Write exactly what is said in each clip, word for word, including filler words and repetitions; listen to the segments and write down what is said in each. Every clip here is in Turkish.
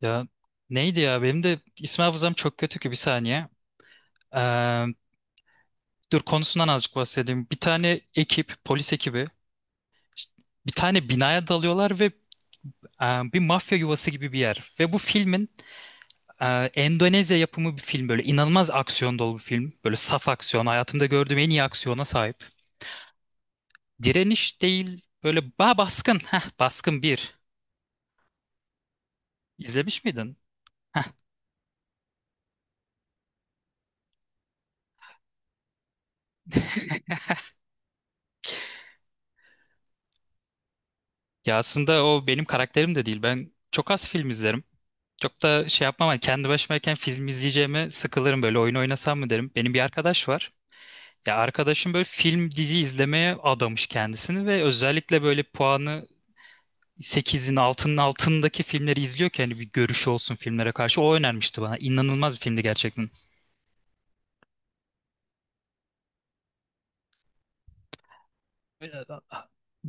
Ya neydi ya benim de isim hafızam çok kötü ki bir saniye. Ee, Dur konusundan azıcık bahsedeyim. Bir tane ekip, polis ekibi bir tane binaya dalıyorlar ve e, bir mafya yuvası gibi bir yer. Ve bu filmin e, Endonezya yapımı bir film, böyle inanılmaz aksiyon dolu bir film. Böyle saf aksiyon, hayatımda gördüğüm en iyi aksiyona sahip. Direniş değil, böyle ba baskın. Heh, baskın bir. İzlemiş miydin? Heh. Ya aslında o benim karakterim de değil. Ben çok az film izlerim. Çok da şey yapmam. Hani kendi başımayken film izleyeceğime sıkılırım, böyle oyun oynasam mı derim. Benim bir arkadaş var. Ya arkadaşım böyle film dizi izlemeye adamış kendisini ve özellikle böyle puanı sekizin altının altındaki filmleri izliyor ki hani bir görüşü olsun filmlere karşı. O önermişti bana. İnanılmaz bir filmdi gerçekten.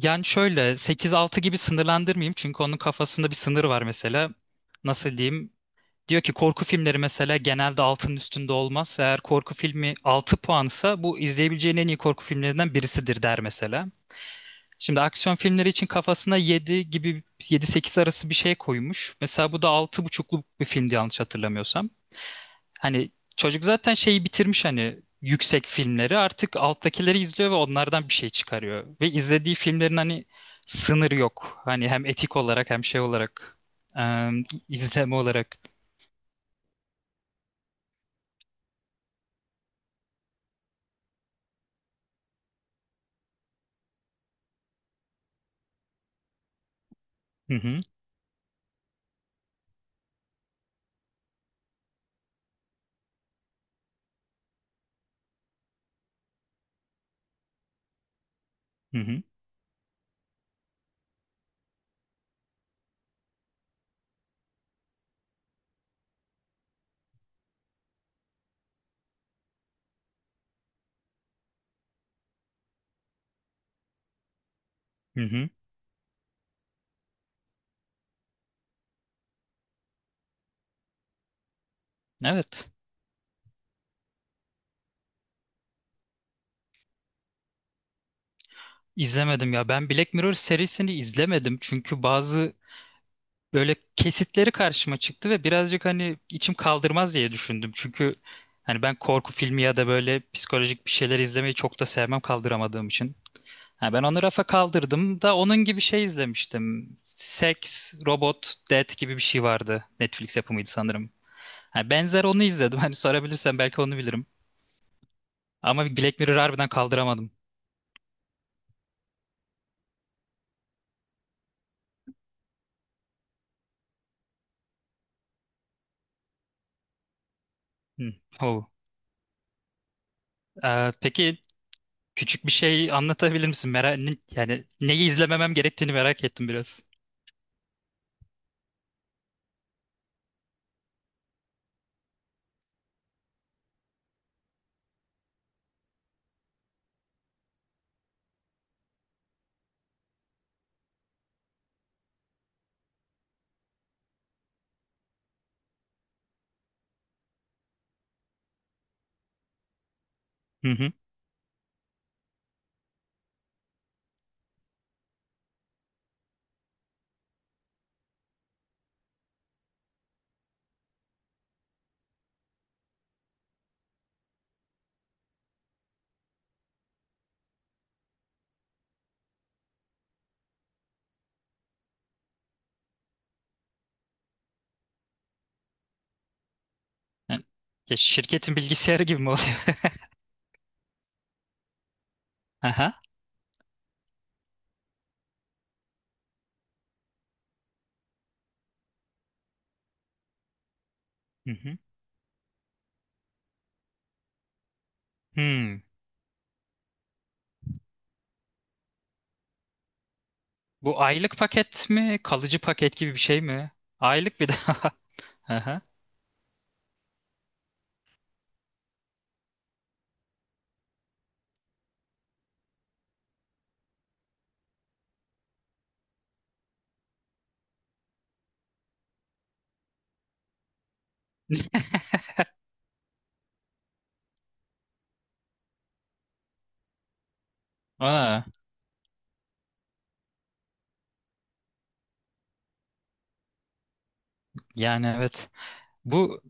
Yani şöyle sekiz altı gibi sınırlandırmayayım, çünkü onun kafasında bir sınır var mesela. Nasıl diyeyim? Diyor ki korku filmleri mesela genelde altının üstünde olmaz. Eğer korku filmi altı puansa bu izleyebileceğin en iyi korku filmlerinden birisidir der mesela. Şimdi aksiyon filmleri için kafasına yedi gibi, yedi sekiz arası bir şey koymuş. Mesela bu da altı buçukluk bir filmdi yanlış hatırlamıyorsam. Hani çocuk zaten şeyi bitirmiş, hani yüksek filmleri, artık alttakileri izliyor ve onlardan bir şey çıkarıyor. Ve izlediği filmlerin hani sınırı yok. Hani hem etik olarak hem şey olarak eee, izleme olarak. Hı hı hı hı hı. Hı. Evet. İzlemedim ya. Ben Black Mirror serisini izlemedim. Çünkü bazı böyle kesitleri karşıma çıktı ve birazcık hani içim kaldırmaz diye düşündüm. Çünkü hani ben korku filmi ya da böyle psikolojik bir şeyler izlemeyi çok da sevmem, kaldıramadığım için. Ha, ben onu rafa kaldırdım da onun gibi şey izlemiştim. Sex, Robot, Death gibi bir şey vardı. Netflix yapımıydı sanırım. Ha, benzer, onu izledim. Hani sorabilirsen belki onu bilirim. Ama Black Mirror harbiden kaldıramadım. Hı. Oh. Ee, peki küçük bir şey anlatabilir misin? Merak, yani neyi izlememem gerektiğini merak ettim biraz. Yani, ya şirketin bilgisayarı gibi mi oluyor? Aha. Hı hı. Hmm. Bu aylık paket mi? Kalıcı paket gibi bir şey mi? Aylık bir daha. Aha. Aa, yani evet. Bu,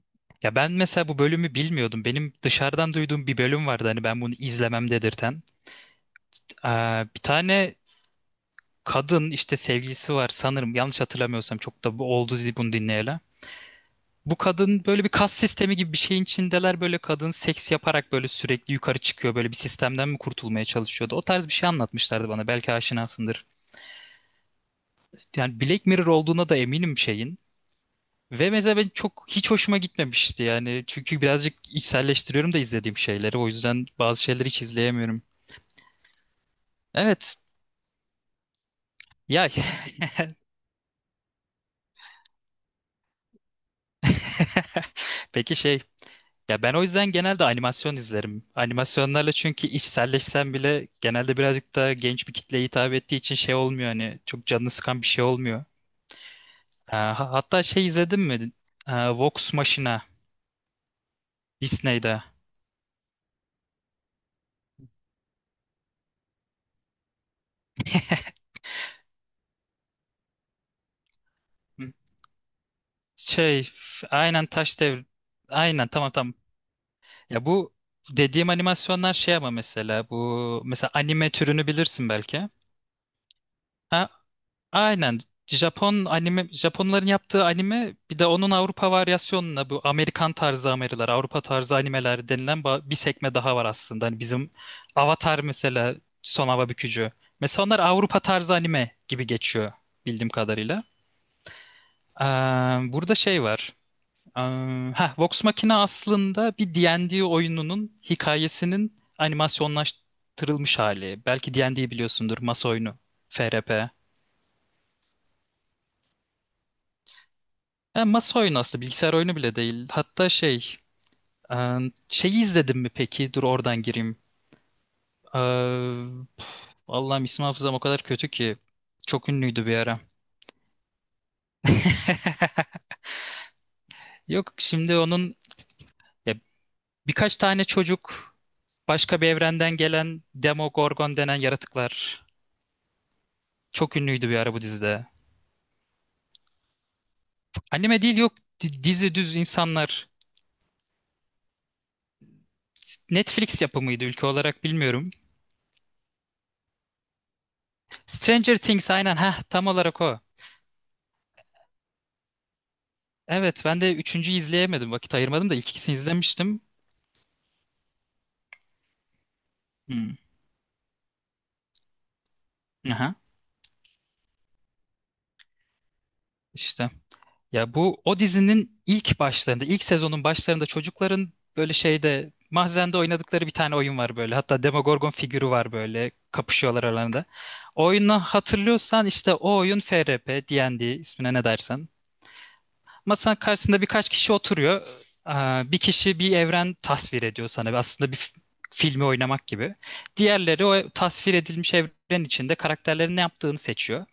ya ben mesela bu bölümü bilmiyordum. Benim dışarıdan duyduğum bir bölüm vardı hani ben bunu izlemem dedirten. Aa, bir tane kadın, işte sevgilisi var sanırım, yanlış hatırlamıyorsam çok da bu oldu bunu dinleyeli. Bu kadın böyle bir kas sistemi gibi bir şeyin içindeler, böyle kadın seks yaparak böyle sürekli yukarı çıkıyor, böyle bir sistemden mi kurtulmaya çalışıyordu. O tarz bir şey anlatmışlardı bana, belki aşinasındır. Yani Black Mirror olduğuna da eminim şeyin. Ve mesela ben çok, hiç hoşuma gitmemişti yani, çünkü birazcık içselleştiriyorum da izlediğim şeyleri, o yüzden bazı şeyleri hiç izleyemiyorum. Evet ya. Peki şey, ya ben o yüzden genelde animasyon izlerim. Animasyonlarla, çünkü içselleşsem bile genelde birazcık daha genç bir kitleye hitap ettiği için şey olmuyor, hani çok canını sıkan bir şey olmuyor. Ha, ha- hatta şey izledin mi? Ha, Vox Machina Disney'de. Hı. Şey f- aynen Taş Devri. Aynen, tamam tamam. Ya bu dediğim animasyonlar şey, ama mesela bu mesela anime türünü bilirsin belki. Ha, aynen. Japon anime, Japonların yaptığı anime, bir de onun Avrupa varyasyonuna, bu Amerikan tarzı animeler, Avrupa tarzı animeler denilen ba- bir sekme daha var aslında. Hani bizim Avatar mesela, Son Hava Bükücü. Mesela onlar Avrupa tarzı anime gibi geçiyor bildiğim kadarıyla. Ee, Burada şey var. Ee, heh, Vox Machina aslında bir D ve D oyununun hikayesinin animasyonlaştırılmış hali. Belki D ve D biliyorsundur, masa oyunu, F R P. Yani masa oyunu, aslında bilgisayar oyunu bile değil. Hatta şey, e, şeyi izledim mi peki? Dur oradan gireyim. E, pf, Allah'ım, isim hafızam o kadar kötü ki. Çok ünlüydü bir ara. Yok, şimdi onun, ya, birkaç tane çocuk, başka bir evrenden gelen Demogorgon denen yaratıklar. Çok ünlüydü bir ara bu dizide. Anime değil, yok, di- dizi, düz insanlar. Netflix yapımıydı, ülke olarak bilmiyorum. Stranger Things, aynen, ha, tam olarak o. Evet, ben de üçüncüyü izleyemedim. Vakit ayırmadım da ilk ikisini izlemiştim. Hmm. Aha. İşte, ya bu o dizinin ilk başlarında, ilk sezonun başlarında çocukların böyle şeyde, mahzende oynadıkları bir tane oyun var böyle. Hatta Demogorgon figürü var, böyle kapışıyorlar aralarında. O oyunu hatırlıyorsan, işte o oyun F R P, D ve D, ismine ne dersen. Masanın karşısında birkaç kişi oturuyor. Ee, Bir kişi bir evren tasvir ediyor sana. Aslında bir f- filmi oynamak gibi. Diğerleri o tasvir edilmiş evren içinde karakterlerin ne yaptığını seçiyor.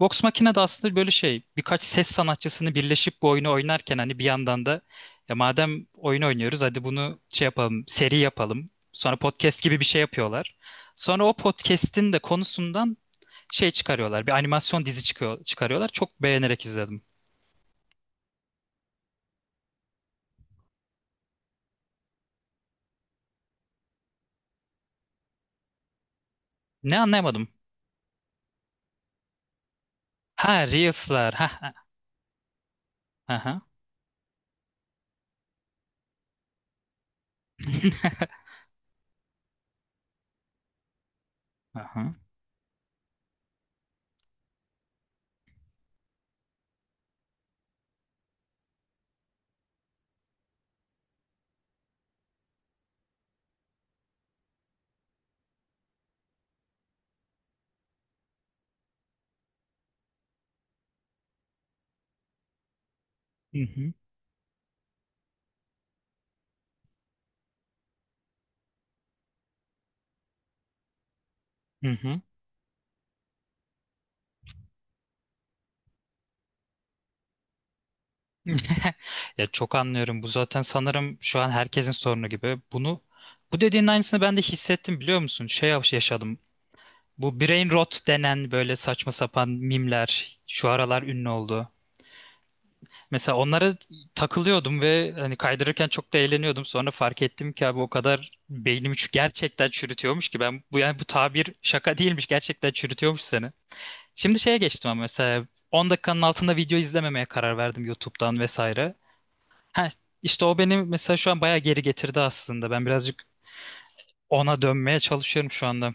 Vox Machina da aslında böyle şey, birkaç ses sanatçısını birleşip bu oyunu oynarken hani bir yandan da ya madem oyun oynuyoruz hadi bunu şey yapalım, seri yapalım. Sonra podcast gibi bir şey yapıyorlar. Sonra o podcast'in de konusundan şey çıkarıyorlar. Bir animasyon dizi çıkıyor, çıkarıyorlar. Çok beğenerek izledim. Ne, anlayamadım. Ha, Reels'lar. Ha ha. Aha. Aha. Hı hı. Hı hı. Ya çok anlıyorum. Bu zaten sanırım şu an herkesin sorunu gibi. Bunu, bu dediğin aynısını ben de hissettim, biliyor musun? Şey yaş- yaşadım. Bu brain rot denen böyle saçma sapan mimler şu aralar ünlü oldu. Mesela onlara takılıyordum ve hani kaydırırken çok da eğleniyordum. Sonra fark ettim ki abi o kadar beynimi çü- gerçekten çürütüyormuş ki, ben bu, yani bu tabir şaka değilmiş. Gerçekten çürütüyormuş seni. Şimdi şeye geçtim, ama mesela on dakikanın altında video izlememeye karar verdim YouTube'dan vesaire. Ha, işte o beni mesela şu an bayağı geri getirdi aslında. Ben birazcık ona dönmeye çalışıyorum şu anda.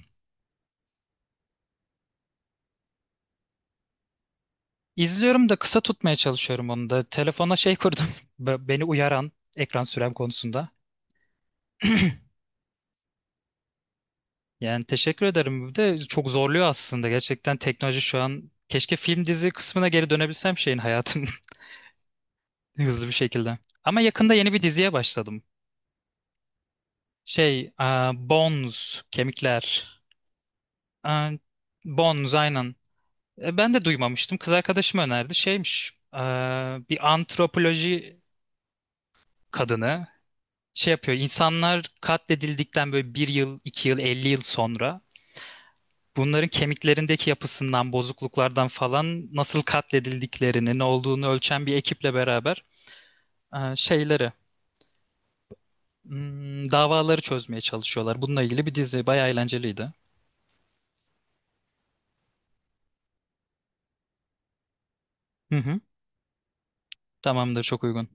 İzliyorum da kısa tutmaya çalışıyorum onu da. Telefona şey kurdum. be- Beni uyaran, ekran sürem konusunda. Yani teşekkür ederim. Bir de çok zorluyor aslında. Gerçekten teknoloji şu an, keşke film dizi kısmına geri dönebilsem şeyin, hayatım hızlı bir şekilde. Ama yakında yeni bir diziye başladım. Şey, aa, Bones, Kemikler. Ee, Bones, aynen. E, ben de duymamıştım. Kız arkadaşım önerdi. Şeymiş. E, bir antropoloji kadını şey yapıyor. İnsanlar katledildikten böyle bir yıl, iki yıl, elli yıl sonra bunların kemiklerindeki yapısından, bozukluklardan falan nasıl katledildiklerini, ne olduğunu ölçen bir ekiple beraber e, şeyleri, hmm, davaları çözmeye çalışıyorlar. Bununla ilgili bir dizi. Bayağı eğlenceliydi. Hı hı. Tamamdır, çok uygun.